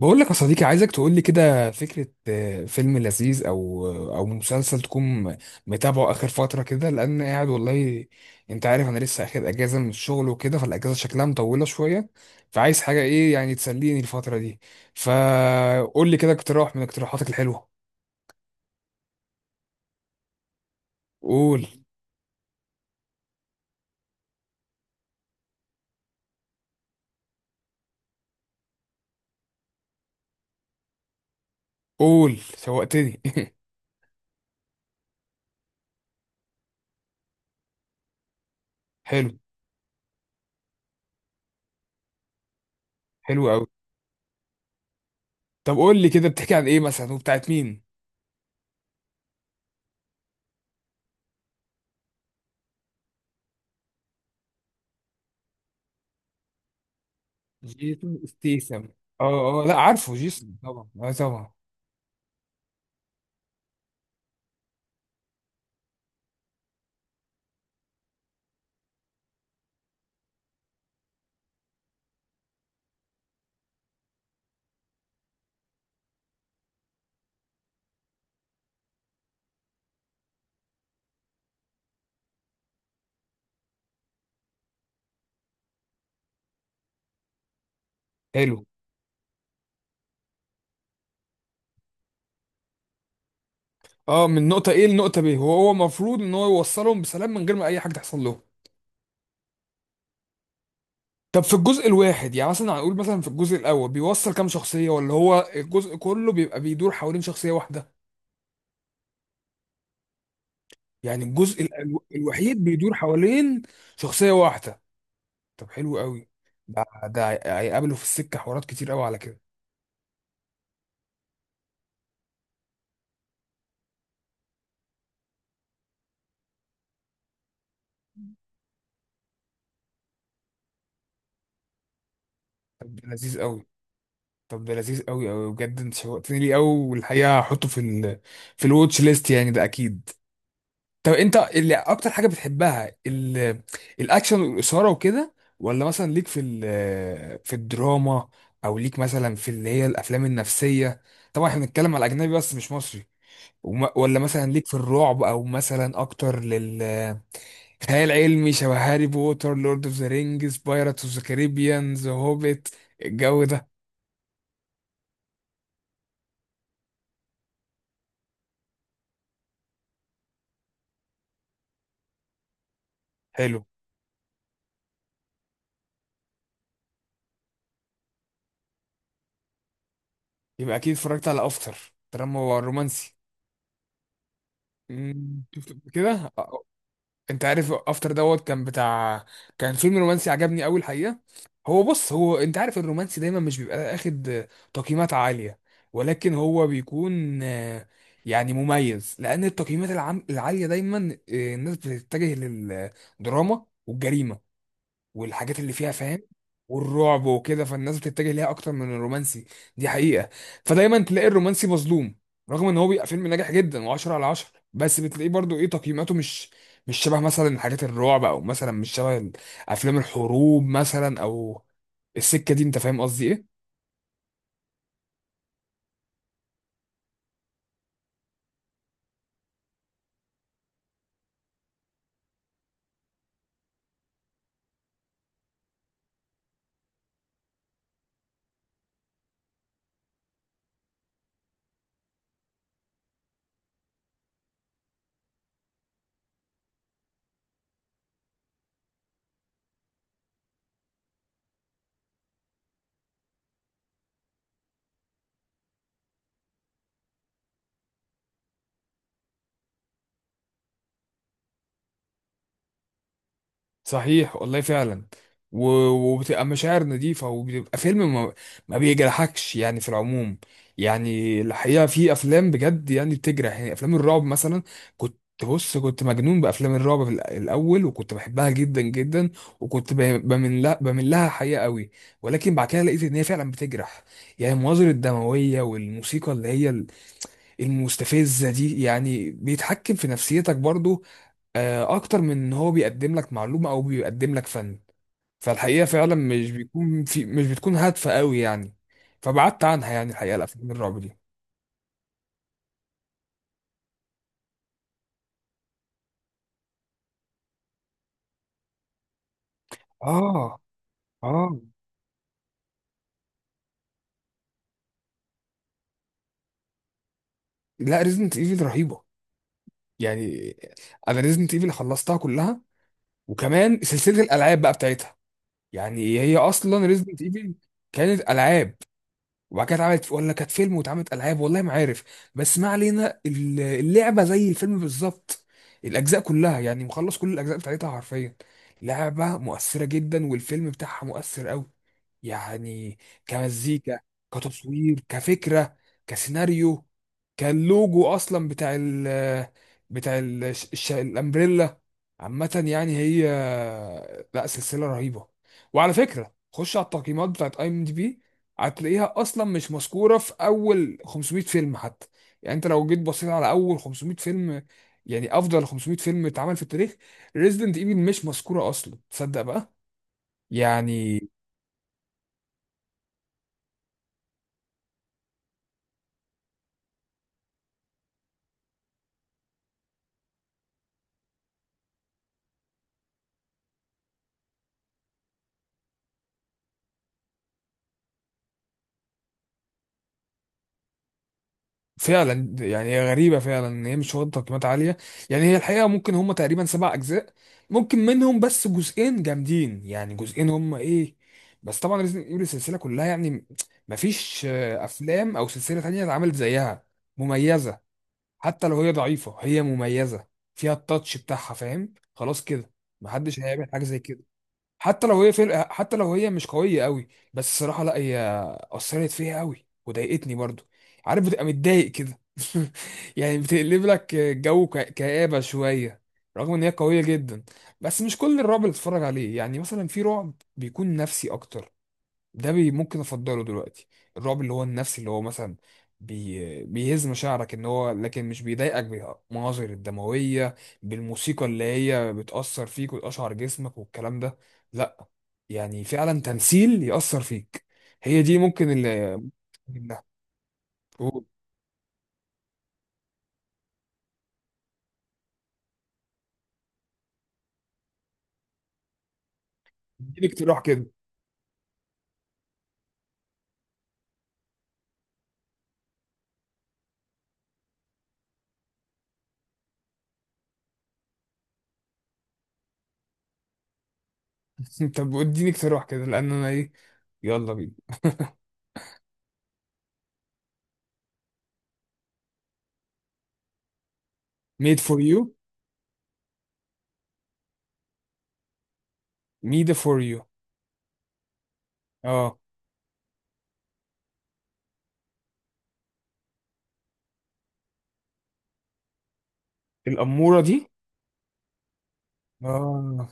بقول لك يا صديقي عايزك تقول لي كده فكرة، فيلم لذيذ او او مسلسل تكون متابعه اخر فترة كده، لان قاعد والله انت عارف انا لسه اخد اجازة من الشغل وكده، فالاجازة شكلها مطولة شوية، فعايز حاجة ايه يعني تسليني الفترة دي، فقول لي كده اقتراح من اقتراحاتك الحلوة. قول قول. شوقتني. حلو حلو قوي. طب قول لي كده، بتحكي عن ايه مثلا وبتاعت مين؟ جيسون ستيسم. اه لا عارفه جيسون، طبعا. حلو. اه، من نقطة A لنقطة B وهو المفروض ان هو يوصلهم بسلام من غير ما اي حاجة تحصل له. طب في الجزء الواحد يعني مثلا، هنقول مثلا في الجزء الاول بيوصل كام شخصية، ولا هو الجزء كله بيبقى بيدور حوالين شخصية واحدة؟ يعني الجزء الوحيد بيدور حوالين شخصية واحدة. طب حلو قوي. ده هيقابله في السكة حوارات كتير قوي على كده. طب ده لذيذ قوي. طب ده لذيذ قوي قوي بجد، انت شوقتني ليه قوي، والحقيقة هحطه في ال في الواتش ليست يعني، ده اكيد. طب انت اللي اكتر حاجه بتحبها الاكشن والاثاره وكده، ولا مثلا ليك في في الدراما، او ليك مثلا في اللي هي الافلام النفسيه؟ طبعا احنا بنتكلم على اجنبي بس مش مصري. ولا مثلا ليك في الرعب، او مثلا اكتر لل خيال علمي شبه هاري بوتر، لورد اوف ذا رينجز، بايرتس اوف ذا كاريبيان، ذا هوبيت، الجو ده. حلو. يبقى اكيد اتفرجت على افتر، دراما رومانسي. شفت قبل كده. انت عارف افتر دوت كان بتاع، كان فيلم رومانسي عجبني قوي الحقيقه. هو بص، هو انت عارف الرومانسي دايما مش بيبقى اخد تقييمات عاليه، ولكن هو بيكون يعني مميز. لان التقييمات العاليه دايما، الناس بتتجه للدراما والجريمه والحاجات اللي فيها فاهم، والرعب وكده، فالناس بتتجه ليها اكتر من الرومانسي. دي حقيقة. فدايما تلاقي الرومانسي مظلوم، رغم ان هو بيبقى فيلم ناجح جدا و10 على 10، بس بتلاقيه برضو ايه، تقييماته مش شبه مثلا حاجات الرعب، او مثلا مش شبه افلام الحروب مثلا، او السكة دي، انت فاهم قصدي ايه؟ صحيح والله فعلا. وبتبقى مشاعر نظيفة، وبيبقى فيلم ما بيجرحكش يعني في العموم. يعني الحقيقة في أفلام بجد يعني بتجرح، يعني أفلام الرعب مثلا. كنت بص كنت مجنون بأفلام الرعب في الأول، وكنت بحبها جدا جدا، وكنت بمن لها حقيقة قوي. ولكن بعد كده لقيت إن هي فعلا بتجرح. يعني المناظر الدموية والموسيقى اللي هي المستفزة دي، يعني بيتحكم في نفسيتك برضو، اكتر من ان هو بيقدم لك معلومه او بيقدم لك فن. فالحقيقه فعلا مش بيكون في مش بتكون هادفه قوي يعني. فبعدت عنها يعني الحقيقه، الافلام الرعب دي. اه اه. لا ريزنت ايفل رهيبه يعني. انا ريزنت ايفل خلصتها كلها، وكمان سلسله الالعاب بقى بتاعتها. يعني هي اصلا ريزنت ايفل كانت العاب، وبعد كده اتعملت، ولا كانت فيلم واتعملت العاب، والله ما عارف. بس ما علينا، اللعبه زي الفيلم بالظبط. الاجزاء كلها يعني، مخلص كل الاجزاء بتاعتها حرفيا. لعبه مؤثره جدا، والفيلم بتاعها مؤثر قوي يعني، كمزيكا، كتصوير، كفكره، كسيناريو، كاللوجو اصلا بتاع الامبريلا. عامه يعني هي، لا سلسله رهيبه. وعلى فكره خش على التقييمات بتاعت اي ام دي بي، هتلاقيها اصلا مش مذكوره في اول 500 فيلم حتى. يعني انت لو جيت بصيت على اول 500 فيلم، يعني افضل 500 فيلم اتعمل في التاريخ، ريزيدنت ايفل مش مذكوره اصلا، تصدق بقى؟ يعني فعلا. يعني هي غريبه فعلا ان هي مش واخده تقييمات عاليه. يعني هي الحقيقه، ممكن هم تقريبا سبع اجزاء، ممكن منهم بس جزئين جامدين، يعني جزئين هم ايه. بس طبعا ريزيدنت ايفل السلسله كلها، يعني مفيش افلام او سلسله تانية اتعملت زيها. مميزه، حتى لو هي ضعيفة هي مميزة، فيها التاتش بتاعها، فاهم؟ خلاص كده، محدش هيعمل حاجة زي كده. حتى لو هي فرقة، حتى لو هي مش قوية قوي، بس الصراحة لا هي أثرت فيها قوي وضايقتني برضو. عارف بتبقى متضايق كده، يعني بتقلب لك جو كآبة شوية، رغم ان هي قوية جدا. بس مش كل الرعب اللي بتتفرج عليه، يعني مثلا في رعب بيكون نفسي اكتر، ده بي ممكن افضله دلوقتي. الرعب اللي هو النفسي، اللي هو مثلا بي بيهز مشاعرك ان هو، لكن مش بيضايقك بالمناظر الدمويه، بالموسيقى اللي هي بتاثر فيك وتقشعر جسمك والكلام ده. لا، يعني فعلا تمثيل ياثر فيك، هي دي ممكن اللي. لا. قول. اديني اقتراح كده. طب اديني اقتراح كده لان انا ايه، يلا بينا. ميد فور يو. ميد فور يو. اه الاموره دي. اه.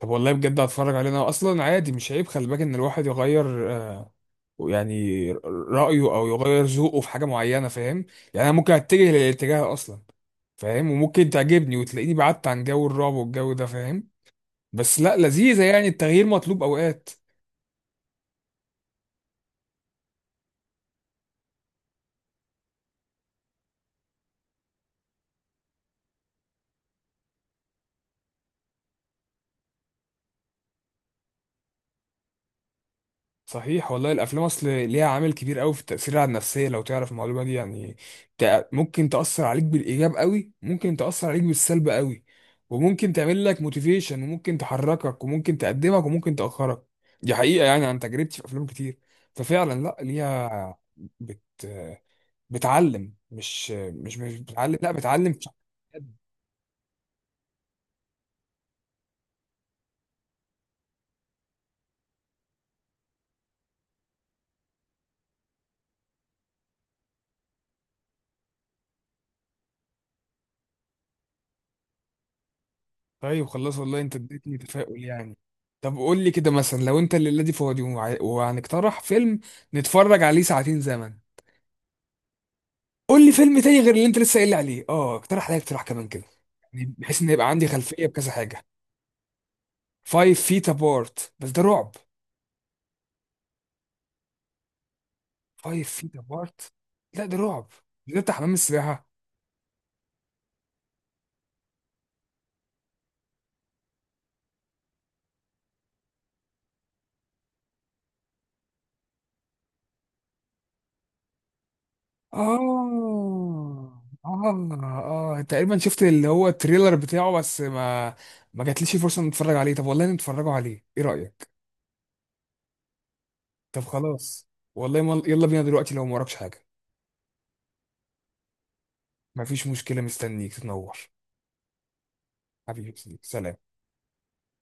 طب والله بجد هتفرج عليه، انا اصلا عادي، مش عيب خلي بالك ان الواحد يغير يعني رايه او يغير ذوقه في حاجه معينه، فاهم؟ يعني انا ممكن اتجه للاتجاه اصلا، فاهم، وممكن تعجبني وتلاقيني بعدت عن جو الرعب والجو ده، فاهم؟ بس لا لذيذه، يعني التغيير مطلوب اوقات. صحيح والله، الافلام اصل ليها عامل كبير قوي في التاثير على النفسيه لو تعرف المعلومه دي يعني. ممكن تاثر عليك بالايجاب قوي، ممكن تاثر عليك بالسلب قوي، وممكن تعمل لك موتيفيشن، وممكن تحركك، وممكن تقدمك، وممكن تاخرك. دي حقيقه يعني، عن تجربتي في افلام كتير. ففعلا لا ليها بت بتعلم مش مش مش بتعلم لا بتعلم. طيب خلاص، والله انت اديتني تفاؤل يعني. طب قول لي كده مثلا، لو انت الليله دي فاضي، وهنقترح فيلم نتفرج عليه ساعتين زمن، قول لي فيلم تاني غير اللي انت لسه قايل لي عليه، اه، اقترح عليا اقتراح كمان كده، يعني بحيث ان يبقى عندي خلفيه بكذا حاجه. فايف فيت ابارت؟ بس ده رعب. فايف فيت ابارت، لا ده رعب، ده بتاع حمام السباحه. اه اه اه، تقريبا شفت اللي هو التريلر بتاعه، بس ما جاتليش فرصه ان اتفرج عليه. طب والله نتفرجوا عليه، ايه رايك؟ طب خلاص، والله مال يلا بينا دلوقتي لو ما وراكش حاجة. مفيش مشكلة، مستنيك تنور. حبيبي، سلام.